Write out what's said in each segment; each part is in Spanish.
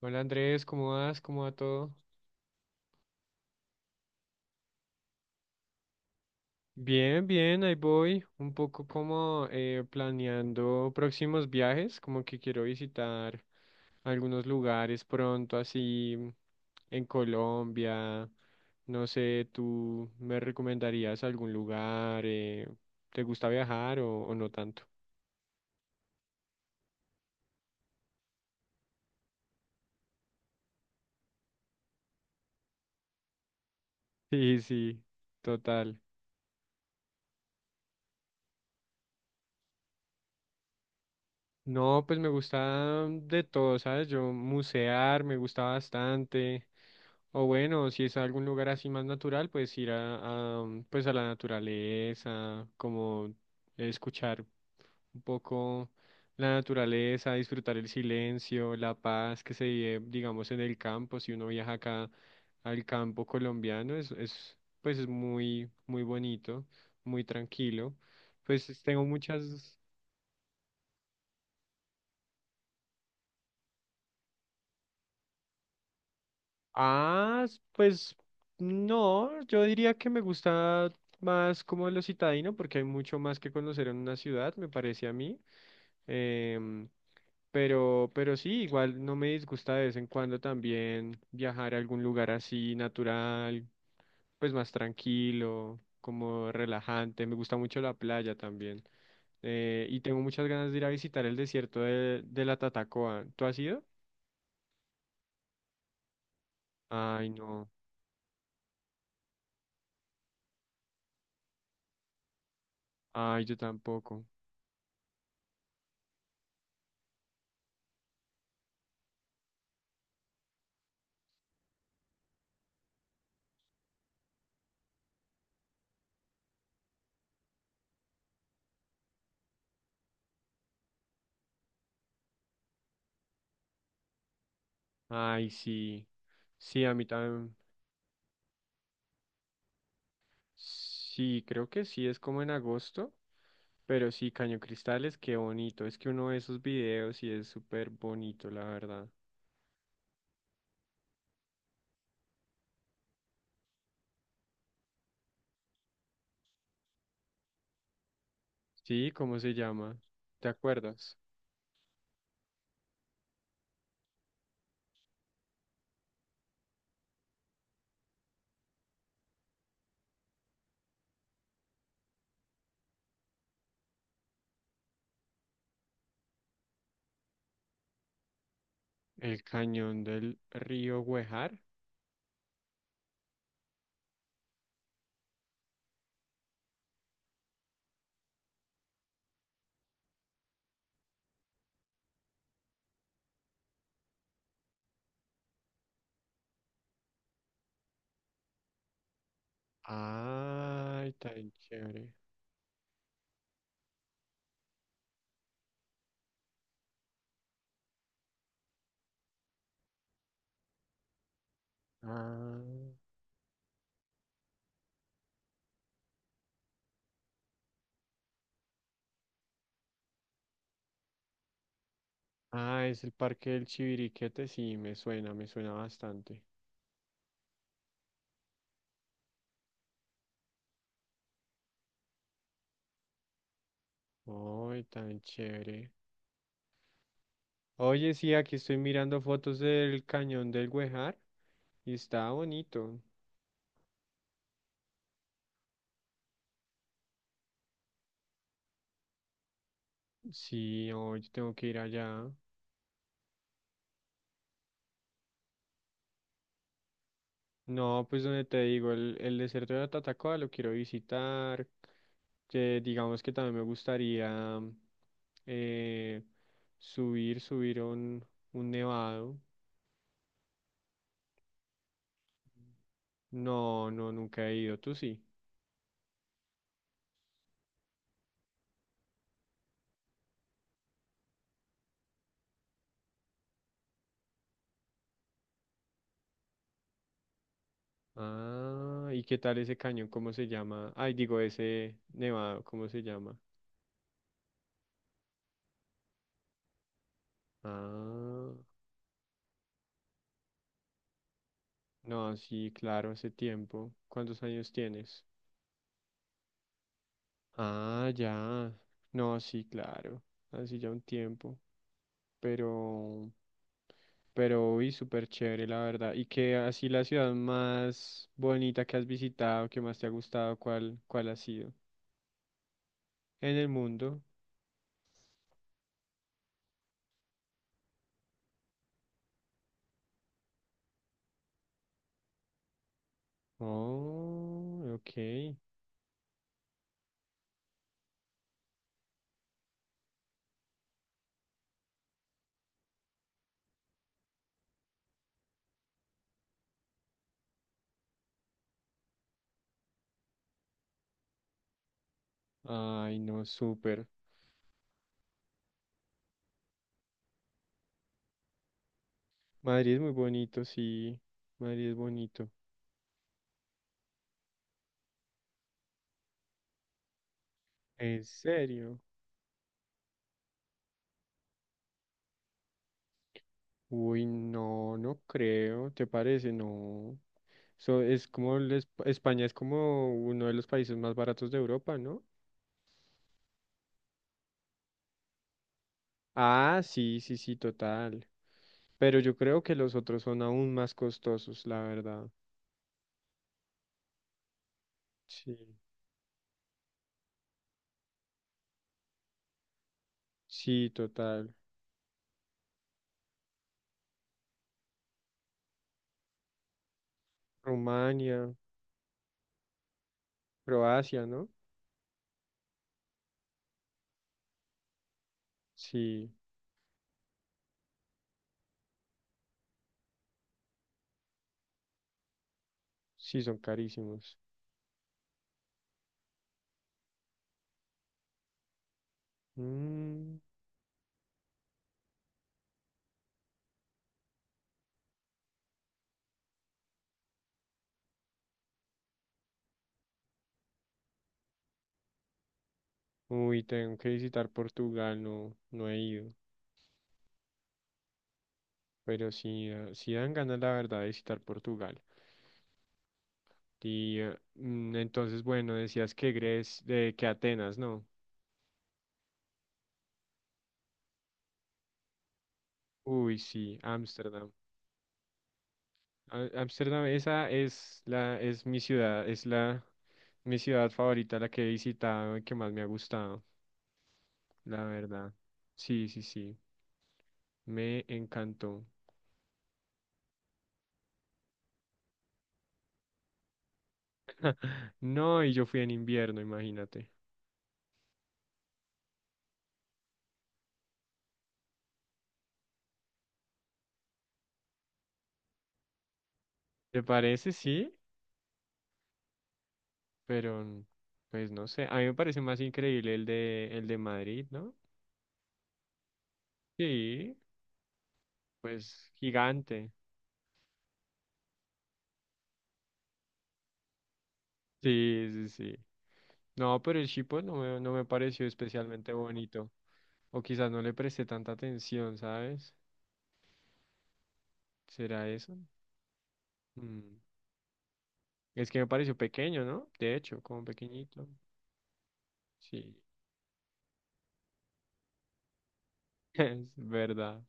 Hola Andrés, ¿cómo vas? ¿Cómo va todo? Bien, bien, ahí voy. Un poco como planeando próximos viajes, como que quiero visitar algunos lugares pronto, así en Colombia. No sé, ¿tú me recomendarías algún lugar? ¿Te gusta viajar o no tanto? Sí, sí, total. No, pues me gusta de todo, ¿sabes? Yo musear me gusta bastante. O bueno, si es algún lugar así más natural, pues ir a, pues a la naturaleza, como escuchar un poco la naturaleza, disfrutar el silencio, la paz que se vive, digamos, en el campo. Si uno viaja acá al campo colombiano, es pues es muy, muy bonito, muy tranquilo. Pues tengo muchas. Ah, pues no, yo diría que me gusta más como lo citadino porque hay mucho más que conocer en una ciudad, me parece a mí. Em, pero sí, igual no me disgusta de vez en cuando también viajar a algún lugar así natural, pues más tranquilo, como relajante. Me gusta mucho la playa también. Y tengo muchas ganas de ir a visitar el desierto de la Tatacoa. ¿Tú has ido? Ay, no. Ay, yo tampoco. Ay, sí. Sí, a mí también. Sí, creo que sí, es como en agosto. Pero sí, Caño Cristales, qué bonito. Es que uno de esos videos y es súper bonito, la verdad. Sí, ¿cómo se llama? ¿Te acuerdas? El cañón del río Huejar. Ay, tan chévere. Ah, ah, es el parque del Chiviriquete. Sí, me suena bastante. Ay, tan chévere. Oye, sí, aquí estoy mirando fotos del cañón del Güejar y está bonito. Sí, hoy tengo que ir allá. No, pues donde te digo, el desierto de Tatacoa lo quiero visitar, que digamos que también me gustaría eh, subir a un nevado. No, no, nunca he ido, tú sí. Ah, ¿y qué tal ese cañón? ¿Cómo se llama? Ay, digo, ese nevado, ¿cómo se llama? Ah. No, sí, claro, hace tiempo. ¿Cuántos años tienes? Ah, ya. No, sí, claro. Así ya un tiempo. Pero, pero, uy, súper chévere, la verdad. Y qué así la ciudad más bonita que has visitado, que más te ha gustado, ¿cuál ha sido? En el mundo. Oh, ok. Ay, no, súper. Madrid es muy bonito, sí. Madrid es bonito. ¿En serio? Uy, no, no creo. ¿Te parece? No. So, es como el España es como uno de los países más baratos de Europa, ¿no? Ah, sí, sí, sí, total. Pero yo creo que los otros son aún más costosos, la verdad. Sí, sí, total. Rumania, Croacia, ¿no? Sí, sí, son carísimos. Mm. Uy, tengo que visitar Portugal, no, no he ido. Pero sí, sí dan ganas, la verdad, de visitar Portugal. Y entonces, bueno, decías que Grecia, de que Atenas, ¿no? Uy, sí, Ámsterdam. Ámsterdam, esa es la, es mi ciudad, es la mi ciudad favorita, la que he visitado y que más me ha gustado, la verdad. Sí, sí, sí, me encantó. No, y yo fui en invierno, imagínate. ¿Te parece? Sí, pero pues no sé, a mí me parece más increíble el de Madrid, ¿no? Sí, pues gigante. Sí, sí, sí. No, pero el Chipo no me, no me pareció especialmente bonito. O quizás no le presté tanta atención, ¿sabes? ¿Será eso? Mm, Es que me pareció pequeño, ¿no? De hecho, como pequeñito. Sí, es verdad.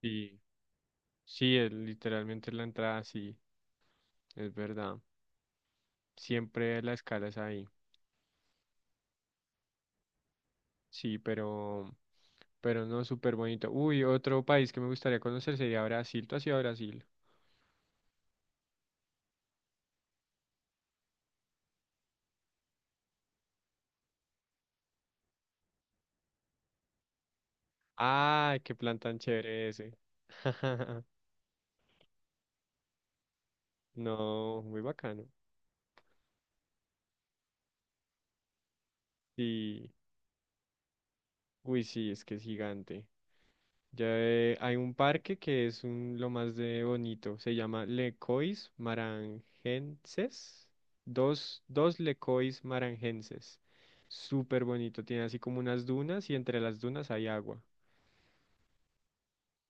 Sí, sí, es literalmente la entrada, sí, es verdad. Siempre la escala es ahí. Sí, pero no súper bonito. Uy, otro país que me gustaría conocer sería Brasil. ¿Tú has ido a Brasil? ¡Ay, qué plan tan chévere ese! No, muy bacano. Sí, uy, sí, es que es gigante. Ya hay un parque que es un, lo más de bonito. Se llama Lecois Marangenses. Dos, Lecois Marangenses. Súper bonito. Tiene así como unas dunas y entre las dunas hay agua.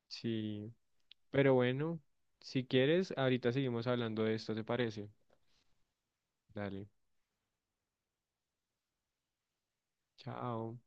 Sí. Pero bueno, si quieres, ahorita seguimos hablando de esto, ¿te parece? Dale. Chao.